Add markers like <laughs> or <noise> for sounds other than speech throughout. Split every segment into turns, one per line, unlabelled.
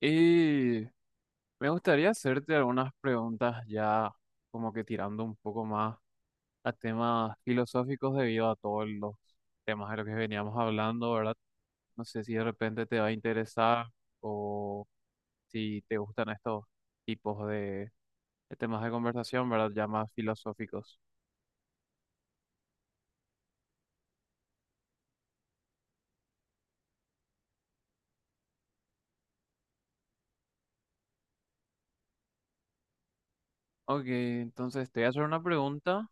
Y me gustaría hacerte algunas preguntas ya, como que tirando un poco más a temas filosóficos debido a todos los temas de los que veníamos hablando, ¿verdad? No sé si de repente te va a interesar o si te gustan estos tipos de temas de conversación, ¿verdad? Ya más filosóficos. Ok, entonces te voy a hacer una pregunta,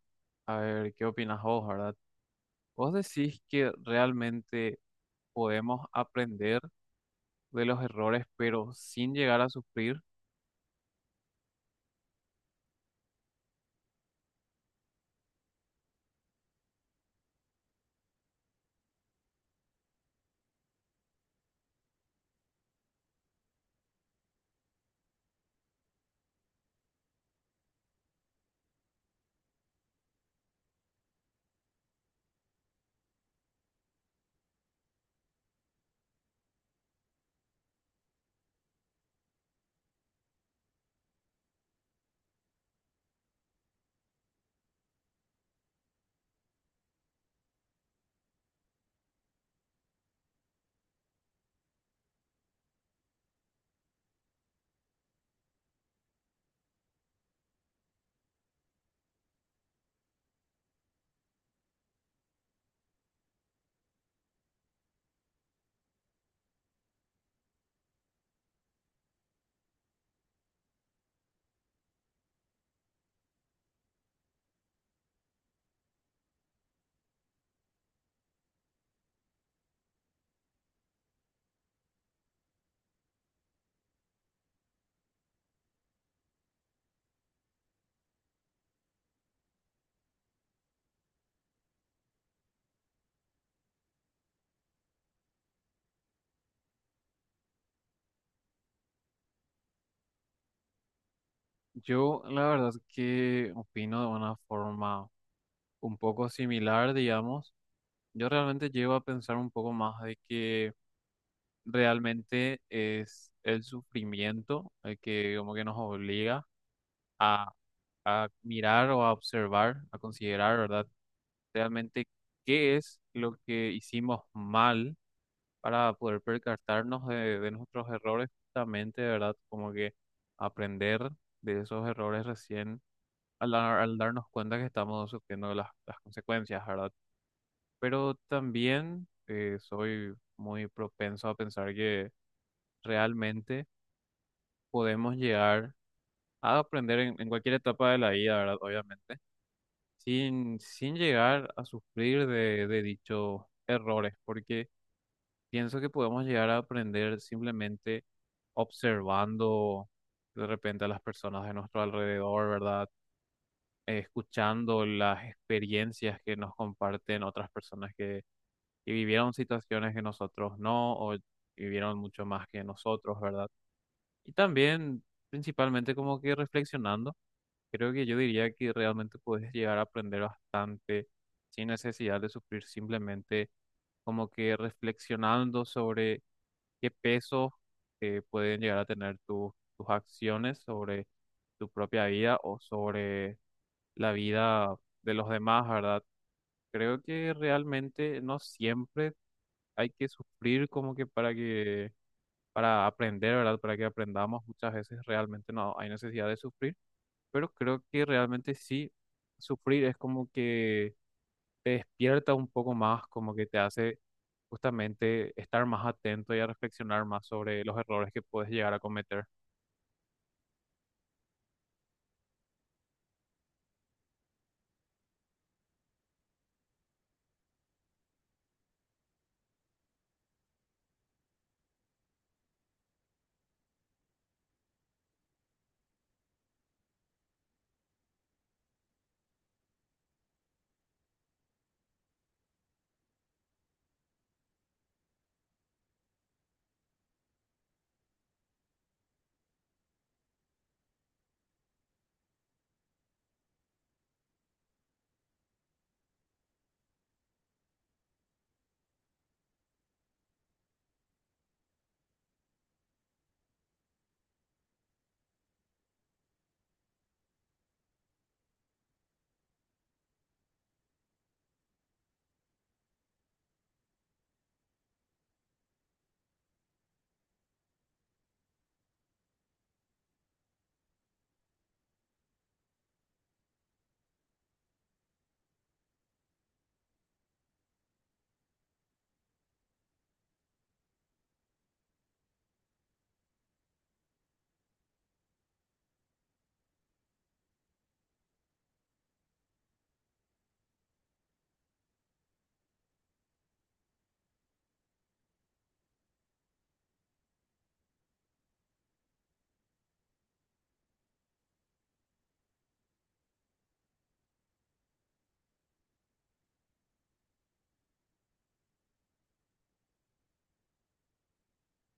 a ver qué opinas vos, ¿verdad? ¿Vos decís que realmente podemos aprender de los errores, pero sin llegar a sufrir? Yo la verdad que opino de una forma un poco similar, digamos. Yo realmente llego a pensar un poco más de que realmente es el sufrimiento el que como que nos obliga a, a mirar o a observar, a considerar, ¿verdad? Realmente qué es lo que hicimos mal para poder percatarnos de nuestros errores justamente, ¿verdad? Como que aprender de esos errores recién al darnos cuenta que estamos sufriendo las consecuencias, ¿verdad? Pero también soy muy propenso a pensar que realmente podemos llegar a aprender en cualquier etapa de la vida, ¿verdad? Obviamente, sin llegar a sufrir de dichos errores, porque... pienso que podemos llegar a aprender simplemente observando de repente a las personas de nuestro alrededor, ¿verdad? Escuchando las experiencias que nos comparten otras que vivieron situaciones que nosotros no, o vivieron mucho más que nosotros, ¿verdad? Y también, principalmente, como que reflexionando. Creo que yo diría que realmente puedes llegar a aprender bastante sin necesidad de sufrir, simplemente como que reflexionando sobre qué peso pueden llegar a tener tus acciones sobre tu propia vida o sobre la vida de los demás, ¿verdad? Creo que realmente no siempre hay que sufrir como que para aprender, ¿verdad? Para que aprendamos, muchas veces realmente no hay necesidad de sufrir, pero creo que realmente sí, sufrir es como que te despierta un poco más, como que te hace justamente estar más atento y a reflexionar más sobre los errores que puedes llegar a cometer.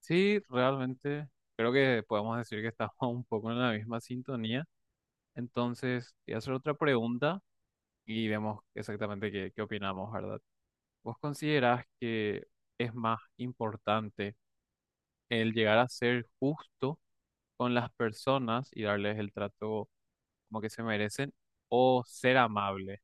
Sí, realmente creo que podemos decir que estamos <laughs> un poco en la misma sintonía. Entonces, voy a hacer otra pregunta y vemos exactamente qué opinamos, ¿verdad? ¿Vos considerás que es más importante el llegar a ser justo con las personas y darles el trato como que se merecen, o ser amable?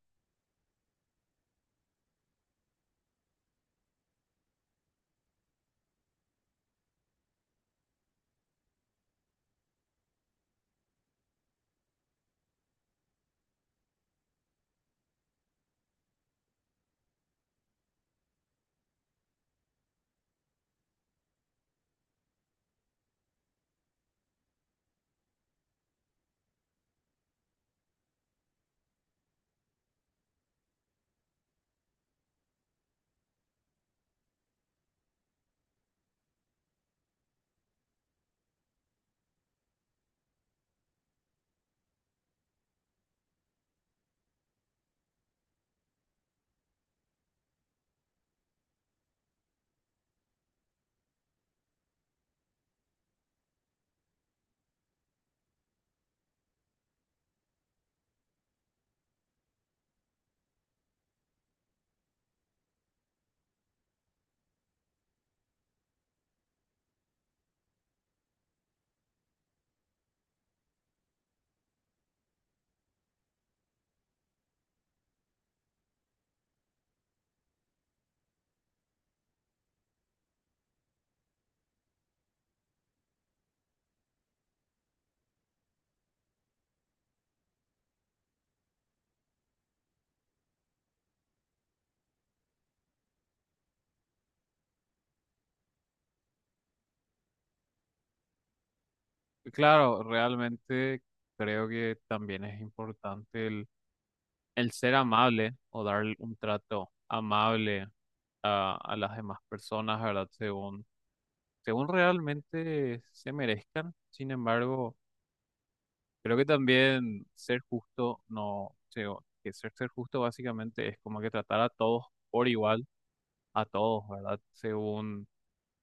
Claro, realmente creo que también es importante el ser amable o dar un trato amable a las demás personas, ¿verdad? Según realmente se merezcan. Sin embargo, creo que también ser justo, no, que ser justo básicamente es como que tratar a todos por igual, a todos, ¿verdad? Según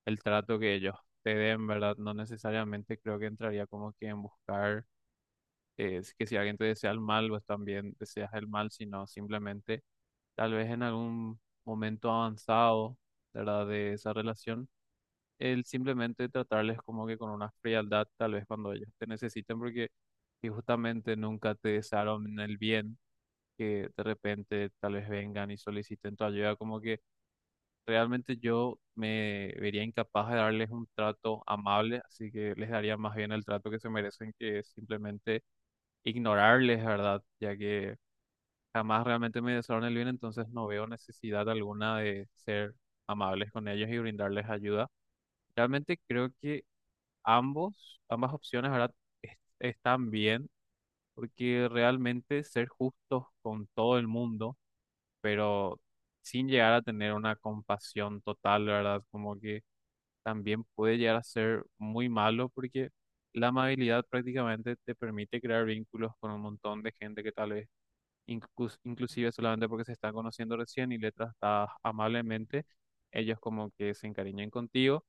el trato que ellos te den, ¿verdad? No necesariamente creo que entraría como que en buscar, si, que si alguien te desea el mal, pues también deseas el mal, sino simplemente tal vez en algún momento avanzado, ¿verdad? De esa relación, el simplemente tratarles como que con una frialdad, tal vez cuando ellos te necesiten, porque y justamente nunca te desearon el bien, que de repente tal vez vengan y soliciten tu ayuda, como que realmente yo me vería incapaz de darles un trato amable, así que les daría más bien el trato que se merecen, que es simplemente ignorarles, ¿verdad? Ya que jamás realmente me desearon el bien, entonces no veo necesidad alguna de ser amables con ellos y brindarles ayuda. Realmente creo que ambas opciones, ¿verdad?, están bien, porque realmente ser justos con todo el mundo, pero sin llegar a tener una compasión total, ¿verdad?, como que también puede llegar a ser muy malo, porque la amabilidad prácticamente te permite crear vínculos con un montón de gente que tal vez inclusive, solamente porque se están conociendo recién y le tratas amablemente, ellos como que se encariñen contigo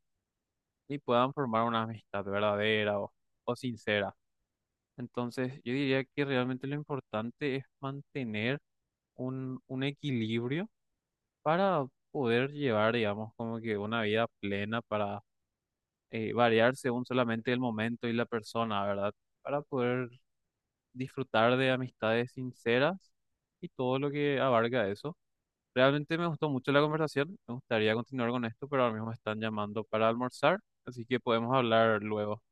y puedan formar una amistad verdadera o sincera. Entonces, yo diría que realmente lo importante es mantener un equilibrio para poder llevar, digamos, como que una vida plena, para variar según solamente el momento y la persona, ¿verdad? Para poder disfrutar de amistades sinceras y todo lo que abarca eso. Realmente me gustó mucho la conversación, me gustaría continuar con esto, pero ahora mismo me están llamando para almorzar, así que podemos hablar luego.